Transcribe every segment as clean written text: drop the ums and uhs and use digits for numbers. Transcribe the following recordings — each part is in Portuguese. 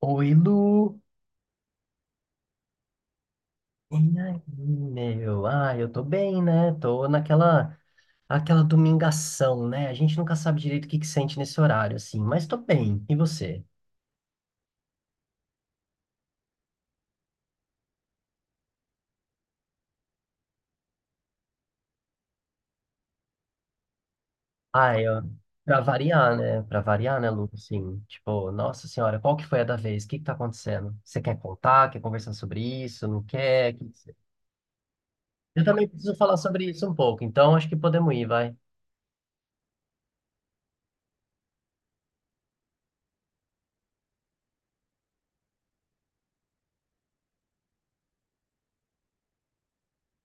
Oi, Lu. E aí, meu? Ah, eu tô bem, né? Tô naquela aquela domingação, né? A gente nunca sabe direito o que que sente nesse horário, assim, mas tô bem. E você? Ah, eu, pra variar, né? Pra variar, né, Lu? Assim, tipo, nossa senhora, qual que foi a da vez? O que que tá acontecendo? Você quer contar? Quer conversar sobre isso? Não quer? O que que você- Eu também preciso falar sobre isso um pouco, então acho que podemos ir, vai.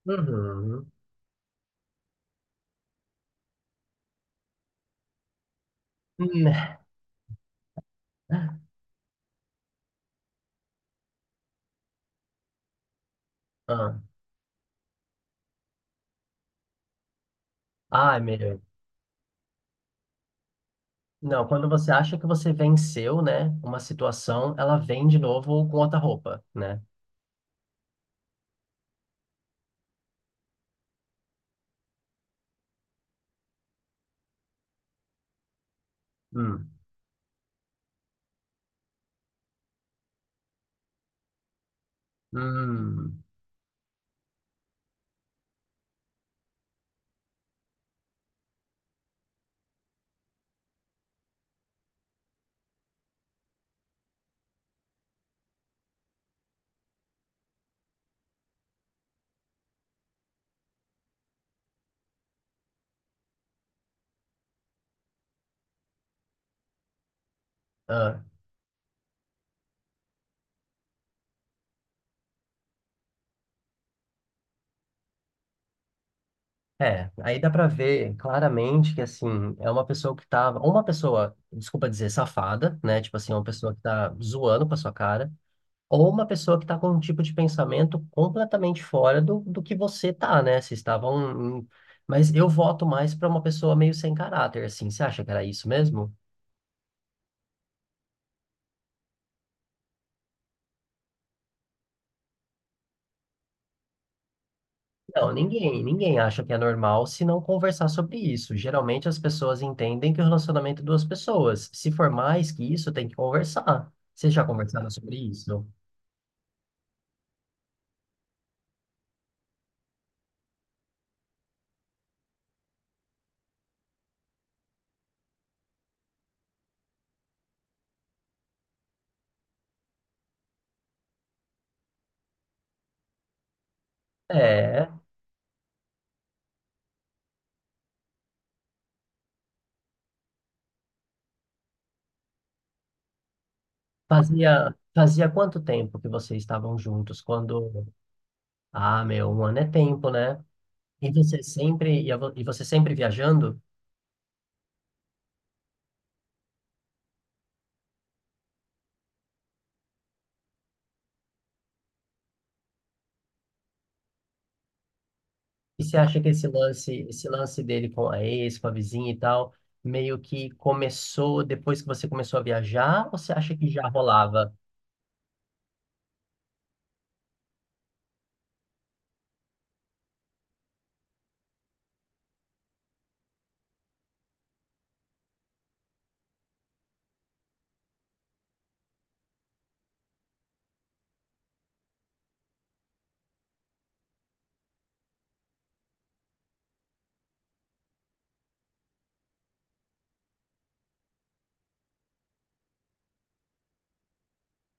Uhum. Hum. Ah, ai, meu. Não, quando você acha que você venceu, né, uma situação, ela vem de novo com outra roupa, né? Hum, hum, ah. É, aí dá pra ver claramente que, assim, é uma pessoa que tava, ou uma pessoa, desculpa dizer, safada, né? Tipo assim, uma pessoa que tá zoando com a sua cara, ou uma pessoa que tá com um tipo de pensamento completamente fora do que você tá, né? Vocês estavam em- Mas eu voto mais pra uma pessoa meio sem caráter, assim. Você acha que era isso mesmo? Não, ninguém acha que é normal se não conversar sobre isso. Geralmente as pessoas entendem que o relacionamento é duas pessoas. Se for mais que isso, tem que conversar. Vocês já conversaram sobre isso? É. Fazia quanto tempo que vocês estavam juntos? Quando. Ah, meu, um ano é tempo, né? E você sempre viajando? E você acha que esse lance dele com a ex, com a vizinha e tal, meio que começou depois que você começou a viajar? Ou você acha que já rolava?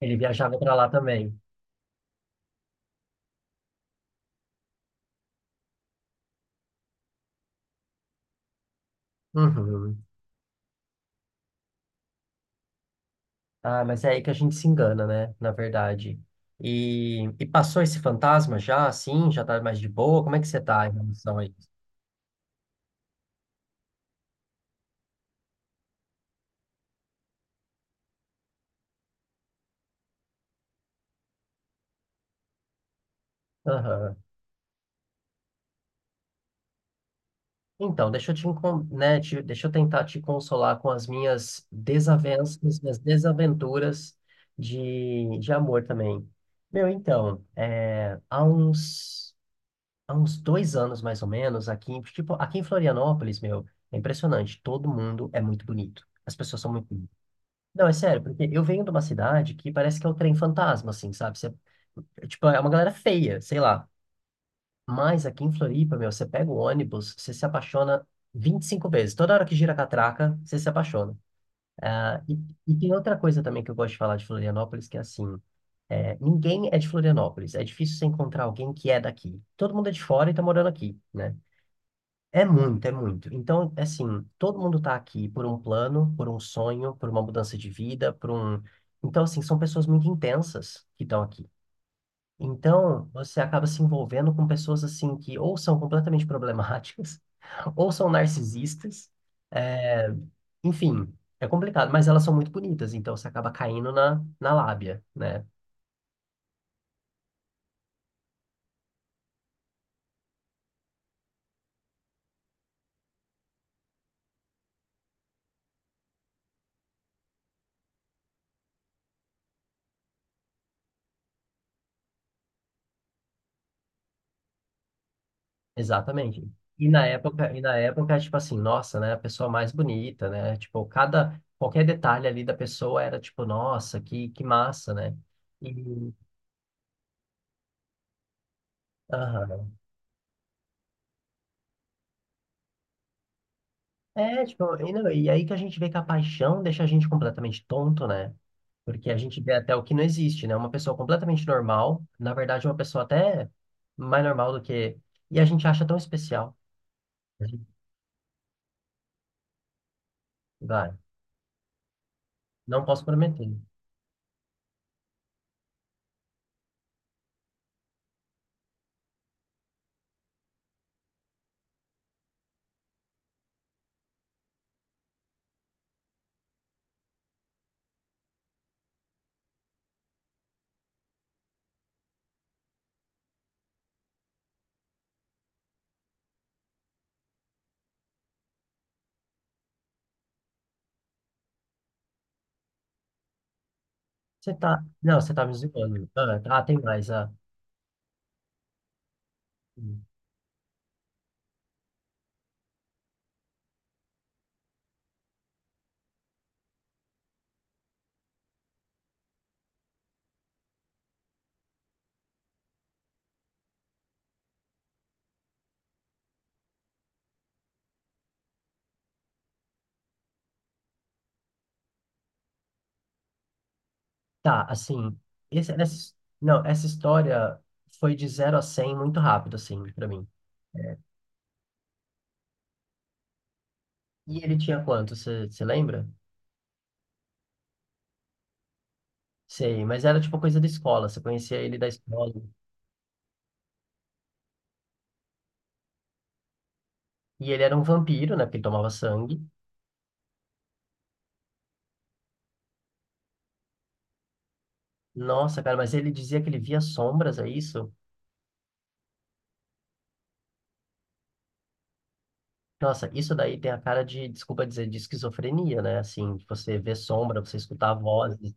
Ele viajava para lá também. Uhum. Ah, mas é aí que a gente se engana, né? Na verdade. E passou esse fantasma já, assim? Já tá mais de boa? Como é que você tá em relação a isso? Aham. Então, deixa eu tentar te consolar com as minhas desavenças, minhas desaventuras de amor também. Meu, então, há uns 2 anos mais ou menos, aqui, tipo, aqui em Florianópolis, meu, é impressionante. Todo mundo é muito bonito. As pessoas são muito bonitas. Não, é sério, porque eu venho de uma cidade que parece que é o trem fantasma, assim, sabe? Você, tipo, é uma galera feia, sei lá. Mas aqui em Floripa, meu, você pega o ônibus, você se apaixona 25 vezes. Toda hora que gira a catraca, você se apaixona. Ah, e tem outra coisa também que eu gosto de falar de Florianópolis, que é assim, ninguém é de Florianópolis. É difícil você encontrar alguém que é daqui. Todo mundo é de fora e tá morando aqui, né? É muito, é muito. Então, é assim, todo mundo está aqui por um plano, por um sonho, por uma mudança de vida, por um. Então, assim, são pessoas muito intensas que estão aqui. Então, você acaba se envolvendo com pessoas, assim, que ou são completamente problemáticas, ou são narcisistas. é, Enfim, é complicado, mas elas são muito bonitas, então você acaba caindo na lábia, né? Exatamente. E na época, tipo assim, nossa, né, a pessoa mais bonita, né? Tipo, cada qualquer detalhe ali da pessoa era tipo, nossa, que massa, né? E aham. É, tipo, e, não, e aí que a gente vê que a paixão deixa a gente completamente tonto, né? Porque a gente vê até o que não existe, né? Uma pessoa completamente normal, na verdade, uma pessoa até mais normal do que e a gente acha tão especial. A gente- Vai, não posso prometer. Você tá, não, você tá me zoando. Ah, tá, tem mais, ah. Tá, assim, esse, essa, não, essa história foi de zero a 100 muito rápido, assim, pra mim. É. E ele tinha quanto, você lembra? Sei, mas era tipo coisa da escola, você conhecia ele da escola. E ele era um vampiro, né, porque ele tomava sangue. Nossa, cara, mas ele dizia que ele via sombras, é isso? Nossa, isso daí tem a cara de, desculpa dizer, de esquizofrenia, né? Assim, você vê sombra, você escutar vozes.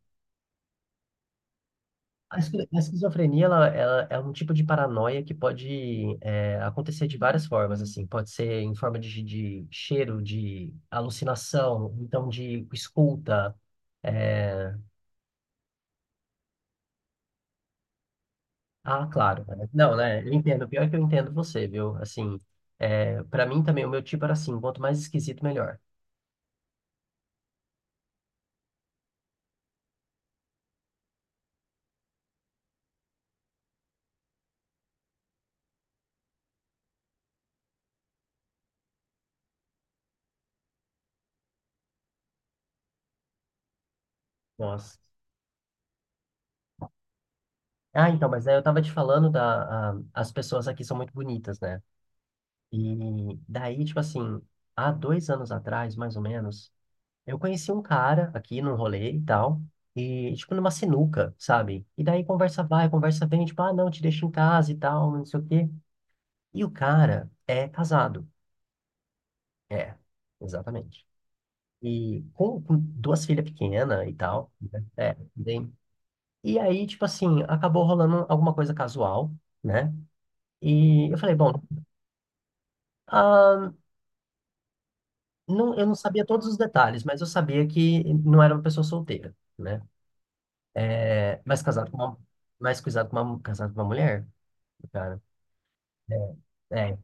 A esquizofrenia, ela é um tipo de paranoia que pode acontecer de várias formas, assim. Pode ser em forma de cheiro, de alucinação, então de escuta. é, Ah, claro. Né? Não, né? Eu entendo. Pior é que eu entendo você, viu? Assim, para mim também, o meu tipo era assim, quanto mais esquisito, melhor. Nossa. Ah, então, mas aí eu tava te falando As pessoas aqui são muito bonitas, né? E daí, tipo assim, há 2 anos atrás, mais ou menos. Eu conheci um cara aqui num rolê e tal, e tipo numa sinuca, sabe? E daí conversa vai, conversa vem, tipo, ah, não, te deixo em casa e tal, não sei o quê. E o cara é casado. É, exatamente. E com duas filhas pequenas e tal. Né? É, bem. E aí, tipo assim, acabou rolando alguma coisa casual, né? E eu falei, bom, ah, não, eu não sabia todos os detalhes, mas eu sabia que não era uma pessoa solteira, né? É, mas casado com uma, mas cuidado com uma, casado com uma mulher. Cara. É, é,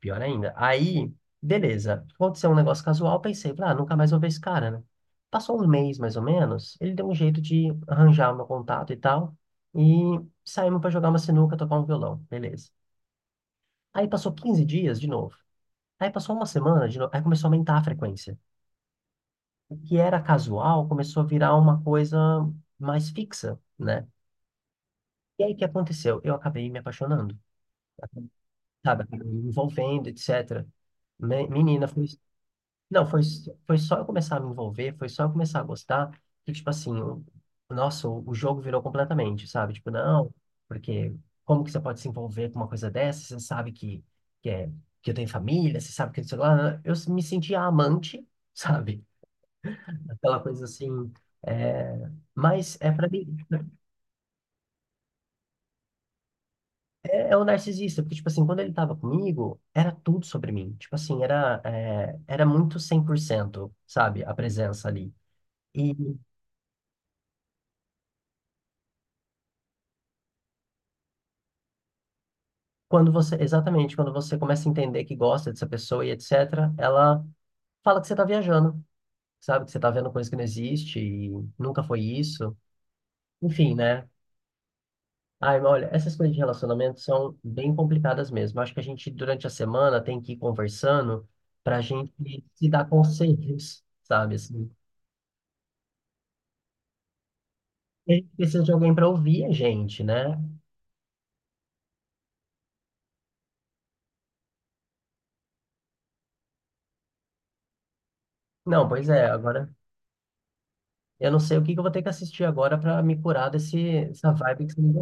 pior ainda. Aí, beleza. Aconteceu um negócio casual, pensei, ah, nunca mais vou ver esse cara, né? Passou um mês, mais ou menos, ele deu um jeito de arranjar o meu contato e tal, e saímos pra jogar uma sinuca, tocar um violão, beleza. Aí passou 15 dias de novo. Aí passou uma semana de novo, aí começou a aumentar a frequência. O que era casual começou a virar uma coisa mais fixa, né? E aí o que aconteceu? Eu acabei me apaixonando, sabe? Acabei me envolvendo, etc. Menina, foi. Não, foi, foi só eu começar a me envolver, foi só eu começar a gostar, que, tipo assim, nossa, o jogo virou completamente, sabe? Tipo, não, porque como que você pode se envolver com uma coisa dessa? Você sabe que, é, que eu tenho família, você sabe que sei lá, né? Eu me sentia amante, sabe? Aquela coisa assim, é, mas é pra mim, é o narcisista, porque, tipo assim, quando ele tava comigo, era tudo sobre mim, tipo assim, era muito 100%, sabe? A presença ali. e Quando você, exatamente, quando você começa a entender que gosta dessa pessoa e etc., ela fala que você tá viajando, sabe? Que você tá vendo coisa que não existe e nunca foi isso. Enfim, né? Ai, mas olha, essas coisas de relacionamento são bem complicadas mesmo. Acho que a gente, durante a semana, tem que ir conversando pra gente se dar conselhos, sabe? Assim, e a gente precisa de alguém pra ouvir a gente, né? Não, pois é, agora eu não sei o que que eu vou ter que assistir agora pra me curar desse, dessa vibe que você me.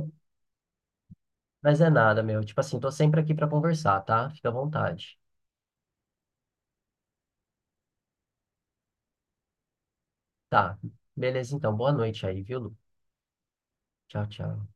Mas é nada, meu. Tipo assim, tô sempre aqui pra conversar, tá? Fica à vontade. Tá. Beleza, então. Boa noite aí, viu, Lu? Tchau, tchau.